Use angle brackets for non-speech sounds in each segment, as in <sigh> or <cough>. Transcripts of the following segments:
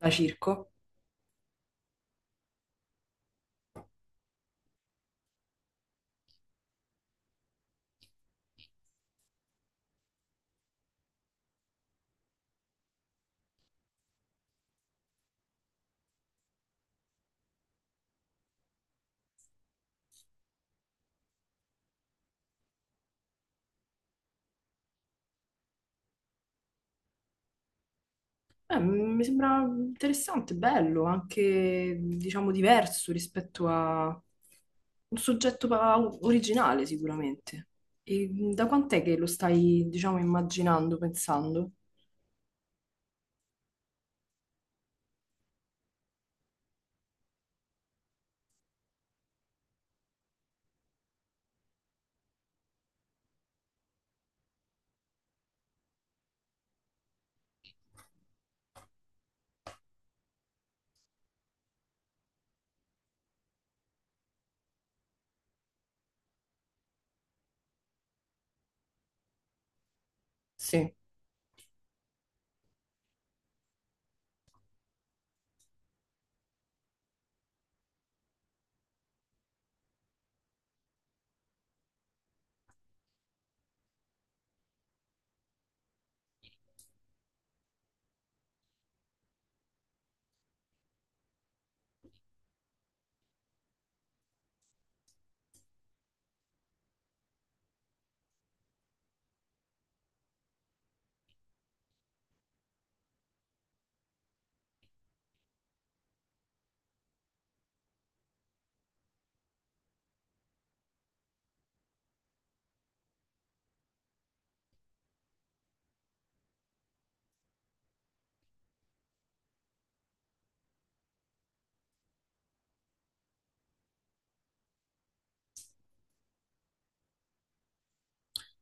Da circo? Mi sembra interessante, bello, anche diciamo diverso rispetto a un originale sicuramente. E da quant'è che lo stai, diciamo, immaginando, pensando? Sì,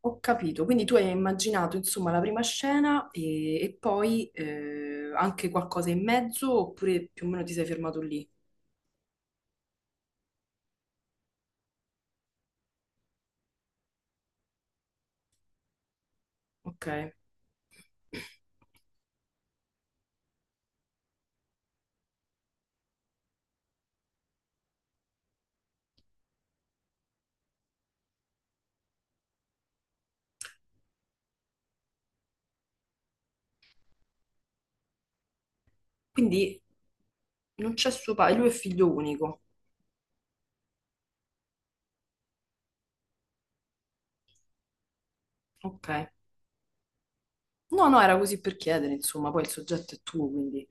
ho capito. Quindi tu hai immaginato, insomma, la prima scena e poi anche qualcosa in mezzo oppure più o meno ti sei fermato lì? Ok. Quindi non c'è suo padre, lui è figlio unico. Ok. No, no, era così per chiedere, insomma, poi il soggetto è tuo, quindi.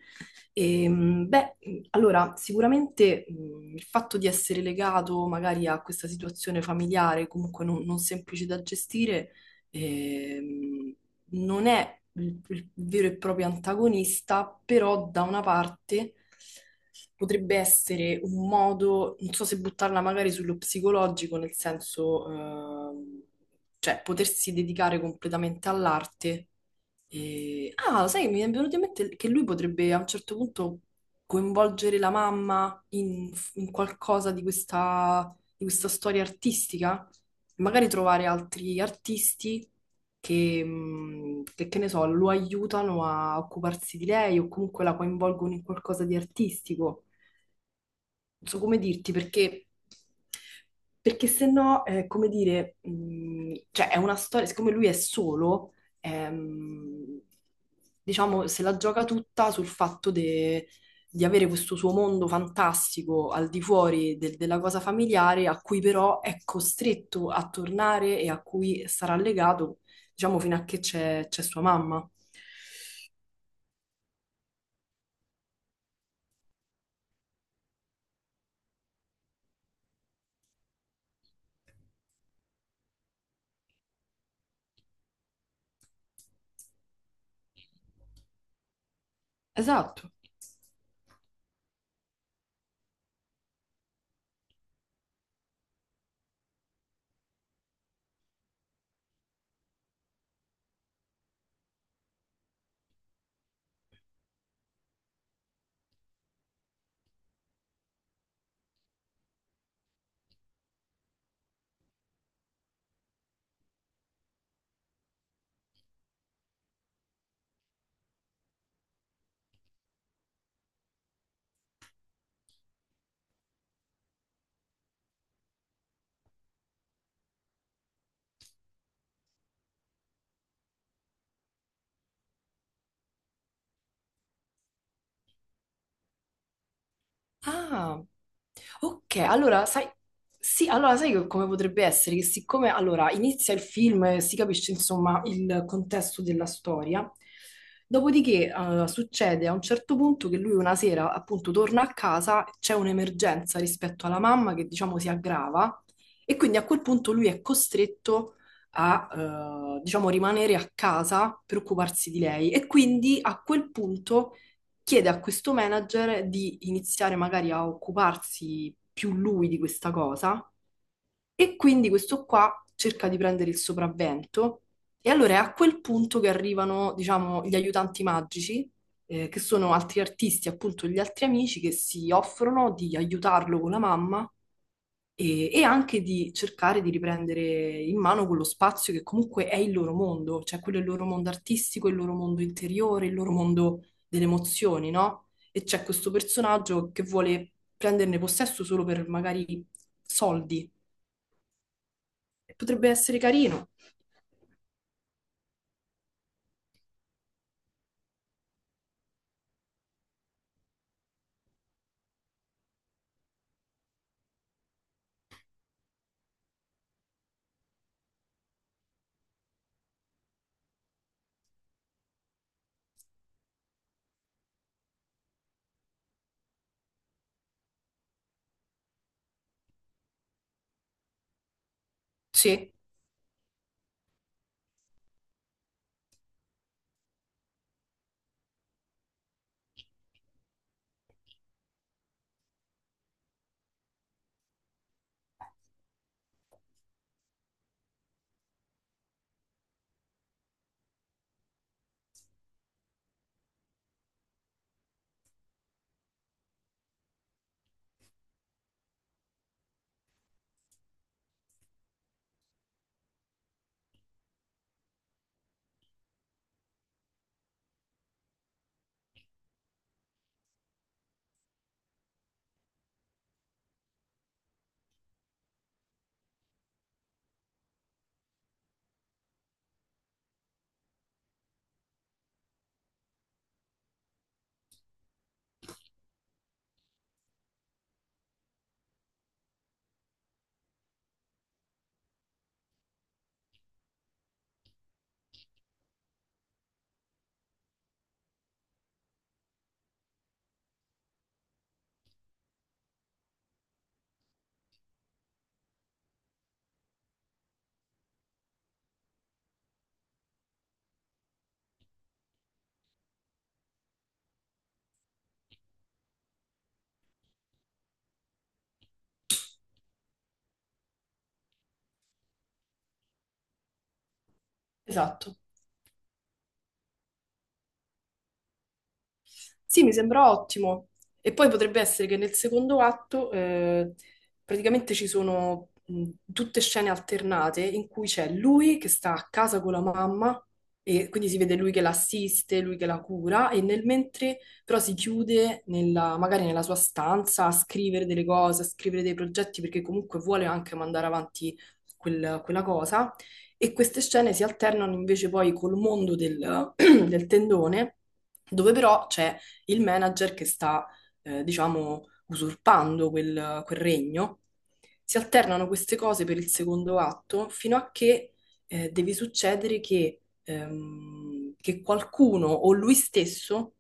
Beh, allora, sicuramente il fatto di essere legato magari a questa situazione familiare, comunque non semplice da gestire, ehm, non è il vero e proprio antagonista, però da una parte potrebbe essere un modo, non so se buttarla magari sullo psicologico, nel senso, cioè potersi dedicare completamente all'arte. Ah, sai, mi è venuto in mente che lui potrebbe a un certo punto coinvolgere la mamma in qualcosa di questa storia artistica, magari trovare altri artisti che, che ne so, lo aiutano a occuparsi di lei o comunque la coinvolgono in qualcosa di artistico non so come dirti, perché, perché se no, come dire, cioè è una storia, siccome lui è solo, ehm, diciamo, se la gioca tutta sul di avere questo suo mondo fantastico al di fuori della cosa familiare, a cui però è costretto a tornare e a cui sarà legato, diciamo, fino a che c'è sua mamma. Esatto. Ah, ok, allora sai, sì, allora sai come potrebbe essere che siccome allora inizia il film e si capisce insomma il contesto della storia, dopodiché succede a un certo punto che lui una sera appunto torna a casa, c'è un'emergenza rispetto alla mamma che diciamo si aggrava e quindi a quel punto lui è costretto a diciamo rimanere a casa per occuparsi di lei e quindi a quel punto chiede a questo manager di iniziare magari a occuparsi più lui di questa cosa e quindi questo qua cerca di prendere il sopravvento e allora è a quel punto che arrivano, diciamo, gli aiutanti magici, che sono altri artisti, appunto gli altri amici che si offrono di aiutarlo con la mamma e anche di cercare di riprendere in mano quello spazio che comunque è il loro mondo, cioè quello è il loro mondo artistico, il loro mondo interiore, il loro mondo delle emozioni, no? E c'è questo personaggio che vuole prenderne possesso solo per magari soldi. Potrebbe essere carino. Sì, esatto. Sì, mi sembra ottimo. E poi potrebbe essere che nel secondo atto praticamente ci sono tutte scene alternate in cui c'è lui che sta a casa con la mamma e quindi si vede lui che l'assiste, lui che la cura e nel mentre però si chiude magari nella sua stanza a scrivere delle cose, a scrivere dei progetti perché comunque vuole anche mandare avanti quella cosa e queste scene si alternano invece poi col mondo del <clears throat> del tendone dove però c'è il manager che sta, diciamo, usurpando quel regno. Si alternano queste cose per il secondo atto fino a che deve succedere che qualcuno o lui stesso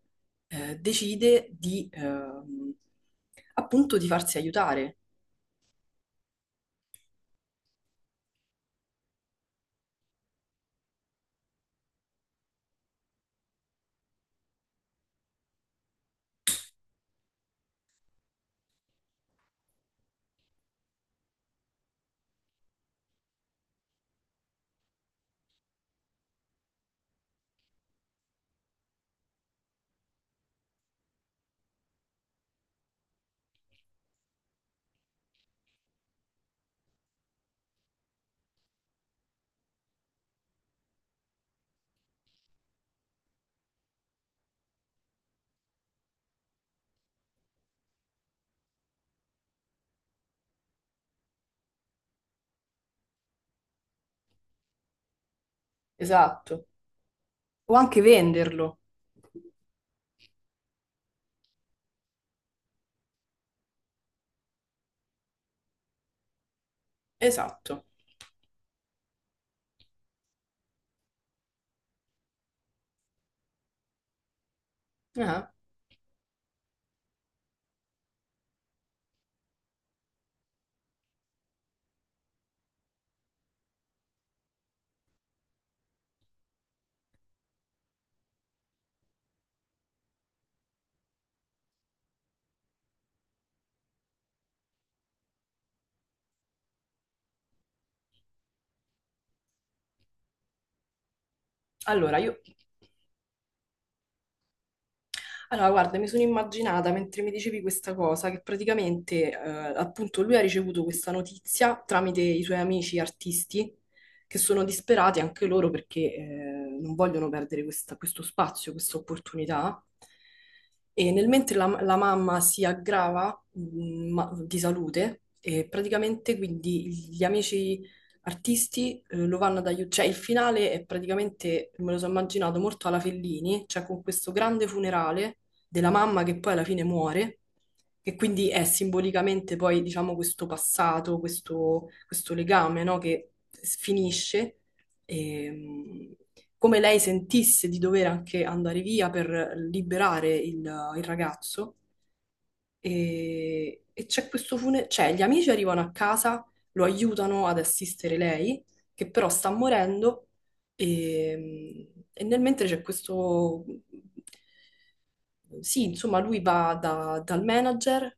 decide appunto, di farsi aiutare. Esatto. O anche venderlo. Esatto. Ah. Allora, io allora, guarda, mi sono immaginata mentre mi dicevi questa cosa che praticamente, appunto, lui ha ricevuto questa notizia tramite i suoi amici artisti che sono disperati anche loro perché, non vogliono perdere questo spazio, questa opportunità. E nel mentre la mamma si aggrava, di salute, e praticamente quindi gli amici artisti lo vanno ad aiutare. Cioè, il finale è praticamente, me lo sono immaginato, molto alla Fellini, cioè con questo grande funerale della mamma che poi alla fine muore, che quindi è simbolicamente poi, diciamo, questo passato, questo legame, no, che s- finisce, e, come lei sentisse di dover anche andare via per liberare il ragazzo. E c'è questo funerale, cioè gli amici arrivano a casa, lo aiutano ad assistere lei, che però sta morendo e, e nel mentre c'è questo, sì, insomma, lui va dal manager,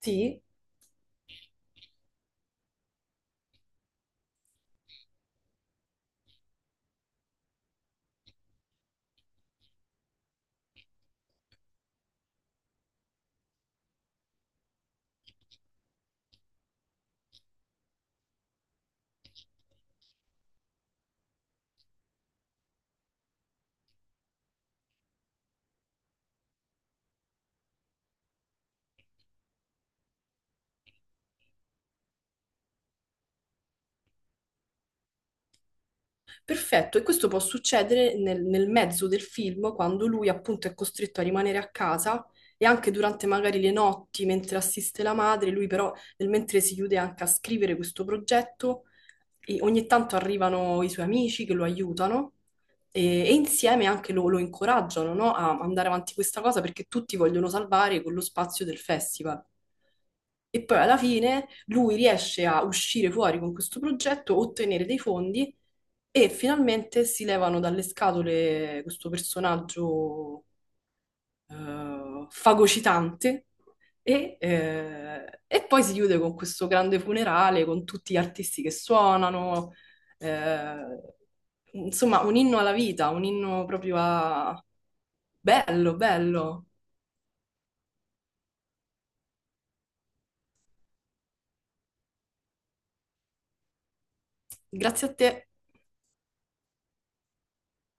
sì, perfetto, e questo può succedere nel mezzo del film, quando lui appunto è costretto a rimanere a casa e anche durante magari le notti, mentre assiste la madre, lui però nel mentre si chiude anche a scrivere questo progetto, e ogni tanto arrivano i suoi amici che lo aiutano e insieme anche lo incoraggiano, no, a andare avanti questa cosa perché tutti vogliono salvare quello spazio del festival. E poi alla fine lui riesce a uscire fuori con questo progetto, ottenere dei fondi e finalmente si levano dalle scatole questo personaggio fagocitante e poi si chiude con questo grande funerale con tutti gli artisti che suonano, eh, insomma un inno alla vita, un inno proprio a... Bello, bello. Grazie a te.